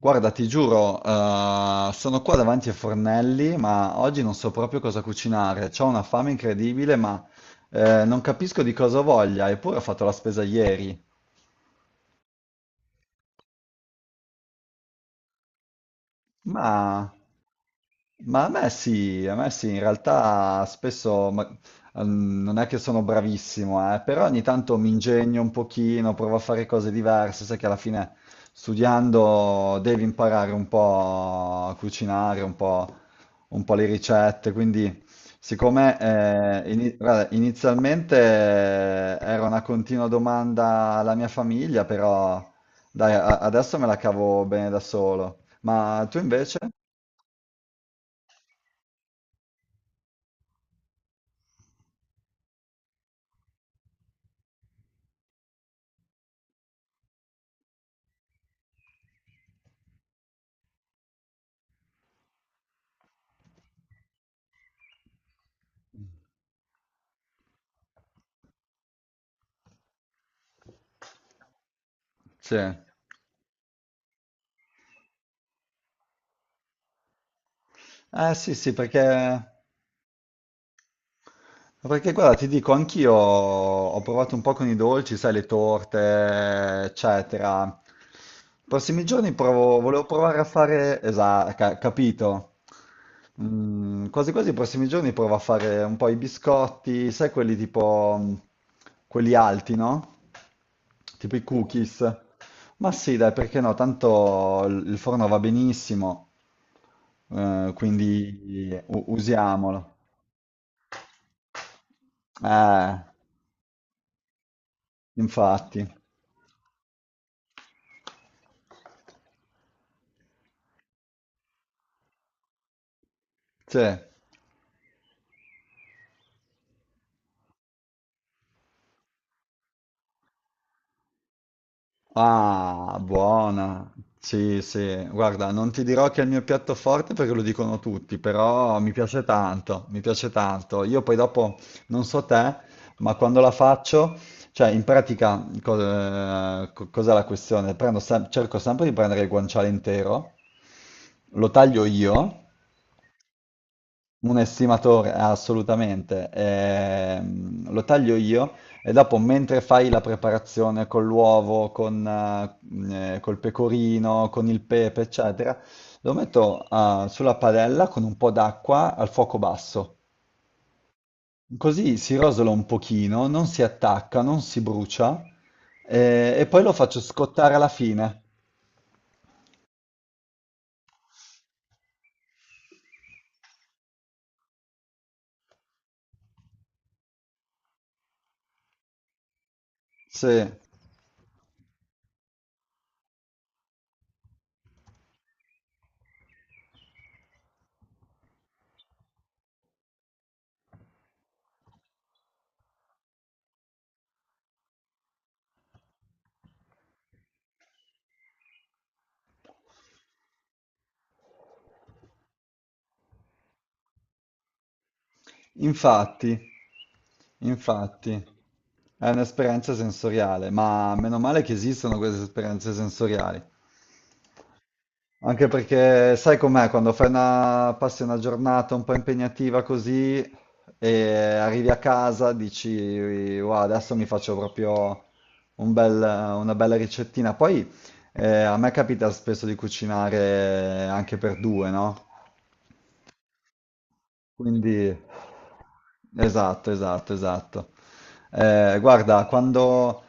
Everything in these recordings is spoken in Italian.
Guarda, ti giuro, sono qua davanti ai fornelli, ma oggi non so proprio cosa cucinare. C'ho una fame incredibile, ma non capisco di cosa voglia, eppure ho fatto la spesa ieri. Ma, ma a me sì, in realtà spesso non è che sono bravissimo, però ogni tanto mi ingegno un pochino, provo a fare cose diverse, sai che alla fine studiando devi imparare un po' a cucinare, un po' le ricette, quindi siccome guarda, inizialmente era una continua domanda alla mia famiglia, però dai, adesso me la cavo bene da solo. Ma tu invece? Sì. Ah, sì, sì, perché perché guarda, ti dico, anch'io ho provato un po' con i dolci, sai, le torte, eccetera. I prossimi giorni volevo provare a fare, esatto, capito. Mm, quasi quasi i prossimi giorni provo a fare un po' i biscotti, sai, quelli tipo, quelli alti, no? Tipo i cookies. Ma sì, dai, perché no? Tanto il forno va benissimo, quindi usiamolo. Eh. Infatti, cioè, ah, buona, sì, sì, guarda, non ti dirò che è il mio piatto forte perché lo dicono tutti, però mi piace tanto, mi piace tanto. Io poi dopo, non so te, ma quando la faccio, cioè, in pratica, cos'è la questione? Cerco sempre di prendere il guanciale intero, lo taglio io. Un estimatore, assolutamente. Lo taglio io e dopo, mentre fai la preparazione con l'uovo, con, col pecorino, con il pepe, eccetera, lo metto, sulla padella con un po' d'acqua al fuoco basso. Così si rosola un pochino, non si attacca, non si brucia, e poi lo faccio scottare alla fine. Sì. Infatti, infatti, è un'esperienza sensoriale, ma meno male che esistono queste esperienze sensoriali. Anche perché sai com'è, quando passi una giornata un po' impegnativa così e arrivi a casa, dici, wow, adesso mi faccio proprio un bel- una bella ricettina. Poi a me capita spesso di cucinare anche per due, no? Quindi, esatto, esatto, esatto. Guarda, quando,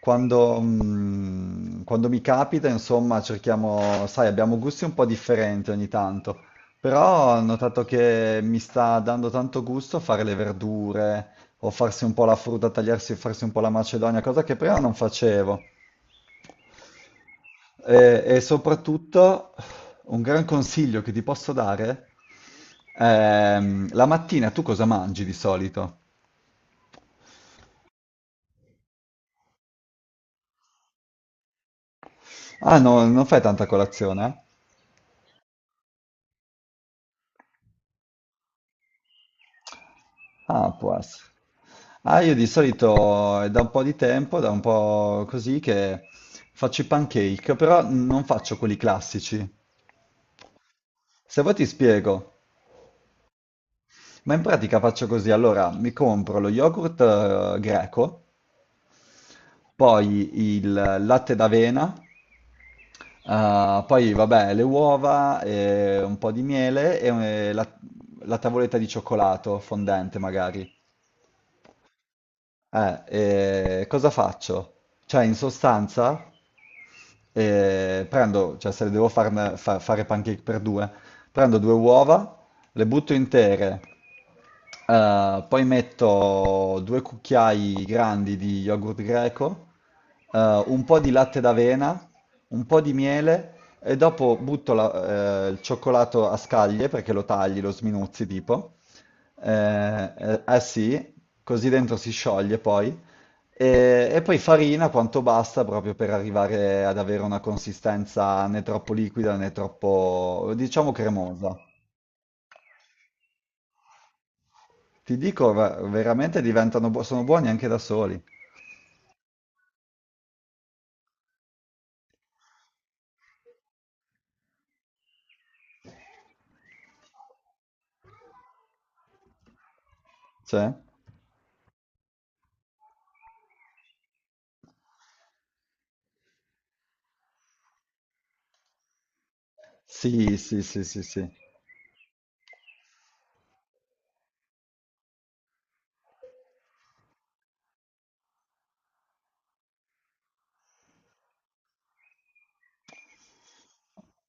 quando, mm, quando mi capita, insomma, cerchiamo, sai, abbiamo gusti un po' differenti ogni tanto, però ho notato che mi sta dando tanto gusto fare le verdure o farsi un po' la frutta, tagliarsi, farsi un po' la macedonia, cosa che prima non facevo. E soprattutto un gran consiglio che ti posso dare, la mattina tu cosa mangi di solito? Ah, no, non fai tanta colazione? Eh? Ah, può essere. Ah, io di solito è da un po' di tempo, da un po' così, che faccio i pancake, però non faccio quelli classici. Se vuoi ti spiego, ma in pratica faccio così, allora mi compro lo yogurt greco, poi il latte d'avena, ah, poi vabbè, le uova, un po' di miele e la tavoletta di cioccolato fondente magari. Eh, cosa faccio? Cioè, in sostanza, prendo, cioè se le devo fare pancake per due, prendo due uova, le butto intere, poi metto due cucchiai grandi di yogurt greco, eh, un po' di latte d'avena, un po' di miele e dopo il cioccolato a scaglie perché lo tagli, lo sminuzzi tipo. Eh sì, così dentro si scioglie poi. E poi farina quanto basta proprio per arrivare ad avere una consistenza né troppo liquida né troppo, diciamo, cremosa. Ti dico, veramente diventano, sono buoni anche da soli. Cioè, sì, sì, sì, sì, sì,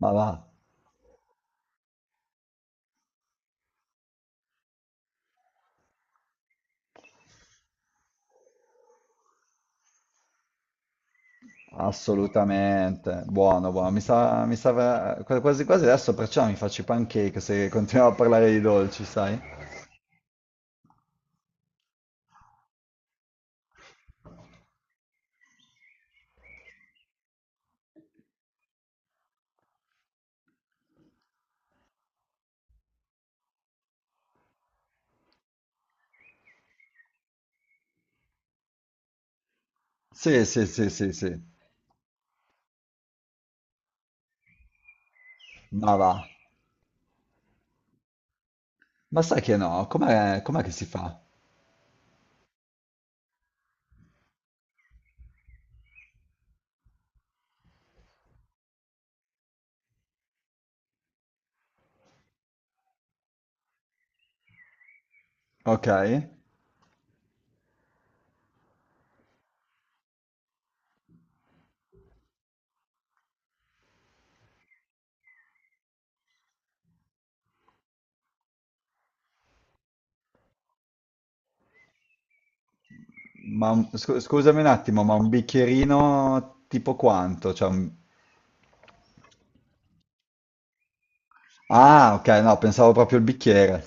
ma va, assolutamente, buono, buono. Mi sa, quasi quasi adesso perciò mi faccio i pancake se continuiamo a parlare di dolci, sai? Sì, sì, sì, sì, sì, ma va. Ma sai che no, com'è, com'è che si fa? Ok, ma scusami un attimo, ma un bicchierino tipo quanto? Ah, ok, no, pensavo proprio il bicchiere.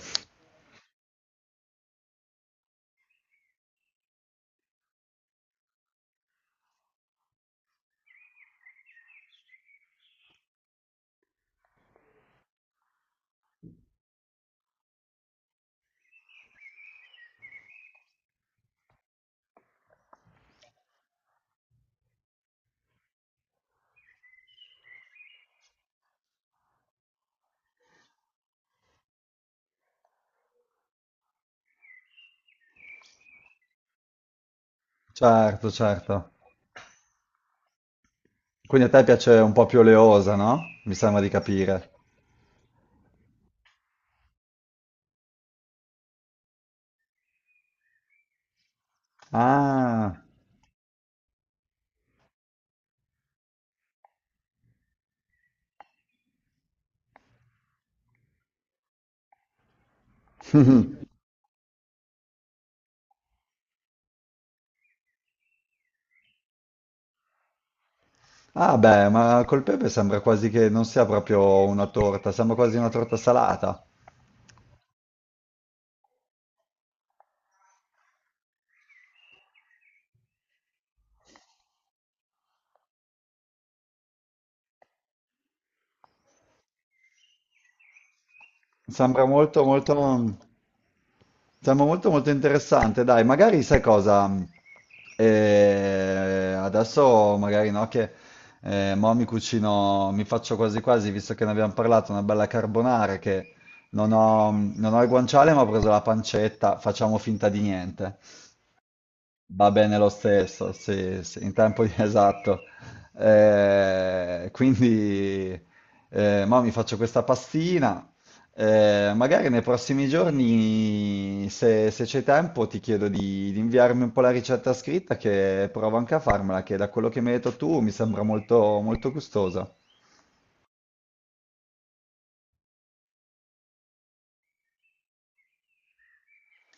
Certo, certo. Quindi a te piace un po' più oleosa, no? Mi sembra di capire. Ah, ah beh, ma col pepe sembra quasi che non sia proprio una torta, sembra quasi una torta salata. Sembra molto, molto, sembra molto, molto interessante. Dai, magari sai cosa? Adesso magari no, che mo mi cucino, mi faccio quasi quasi, visto che ne abbiamo parlato, una bella carbonara che non ho, non ho il guanciale, ma ho preso la pancetta, facciamo finta di niente. Va bene lo stesso, sì, sì, in tempo di- esatto. Quindi, mo mi faccio questa pastina. Magari nei prossimi giorni, se, se c'è tempo, ti chiedo di inviarmi un po' la ricetta scritta, che provo anche a farmela, che da quello che mi hai detto tu mi sembra molto, molto gustosa.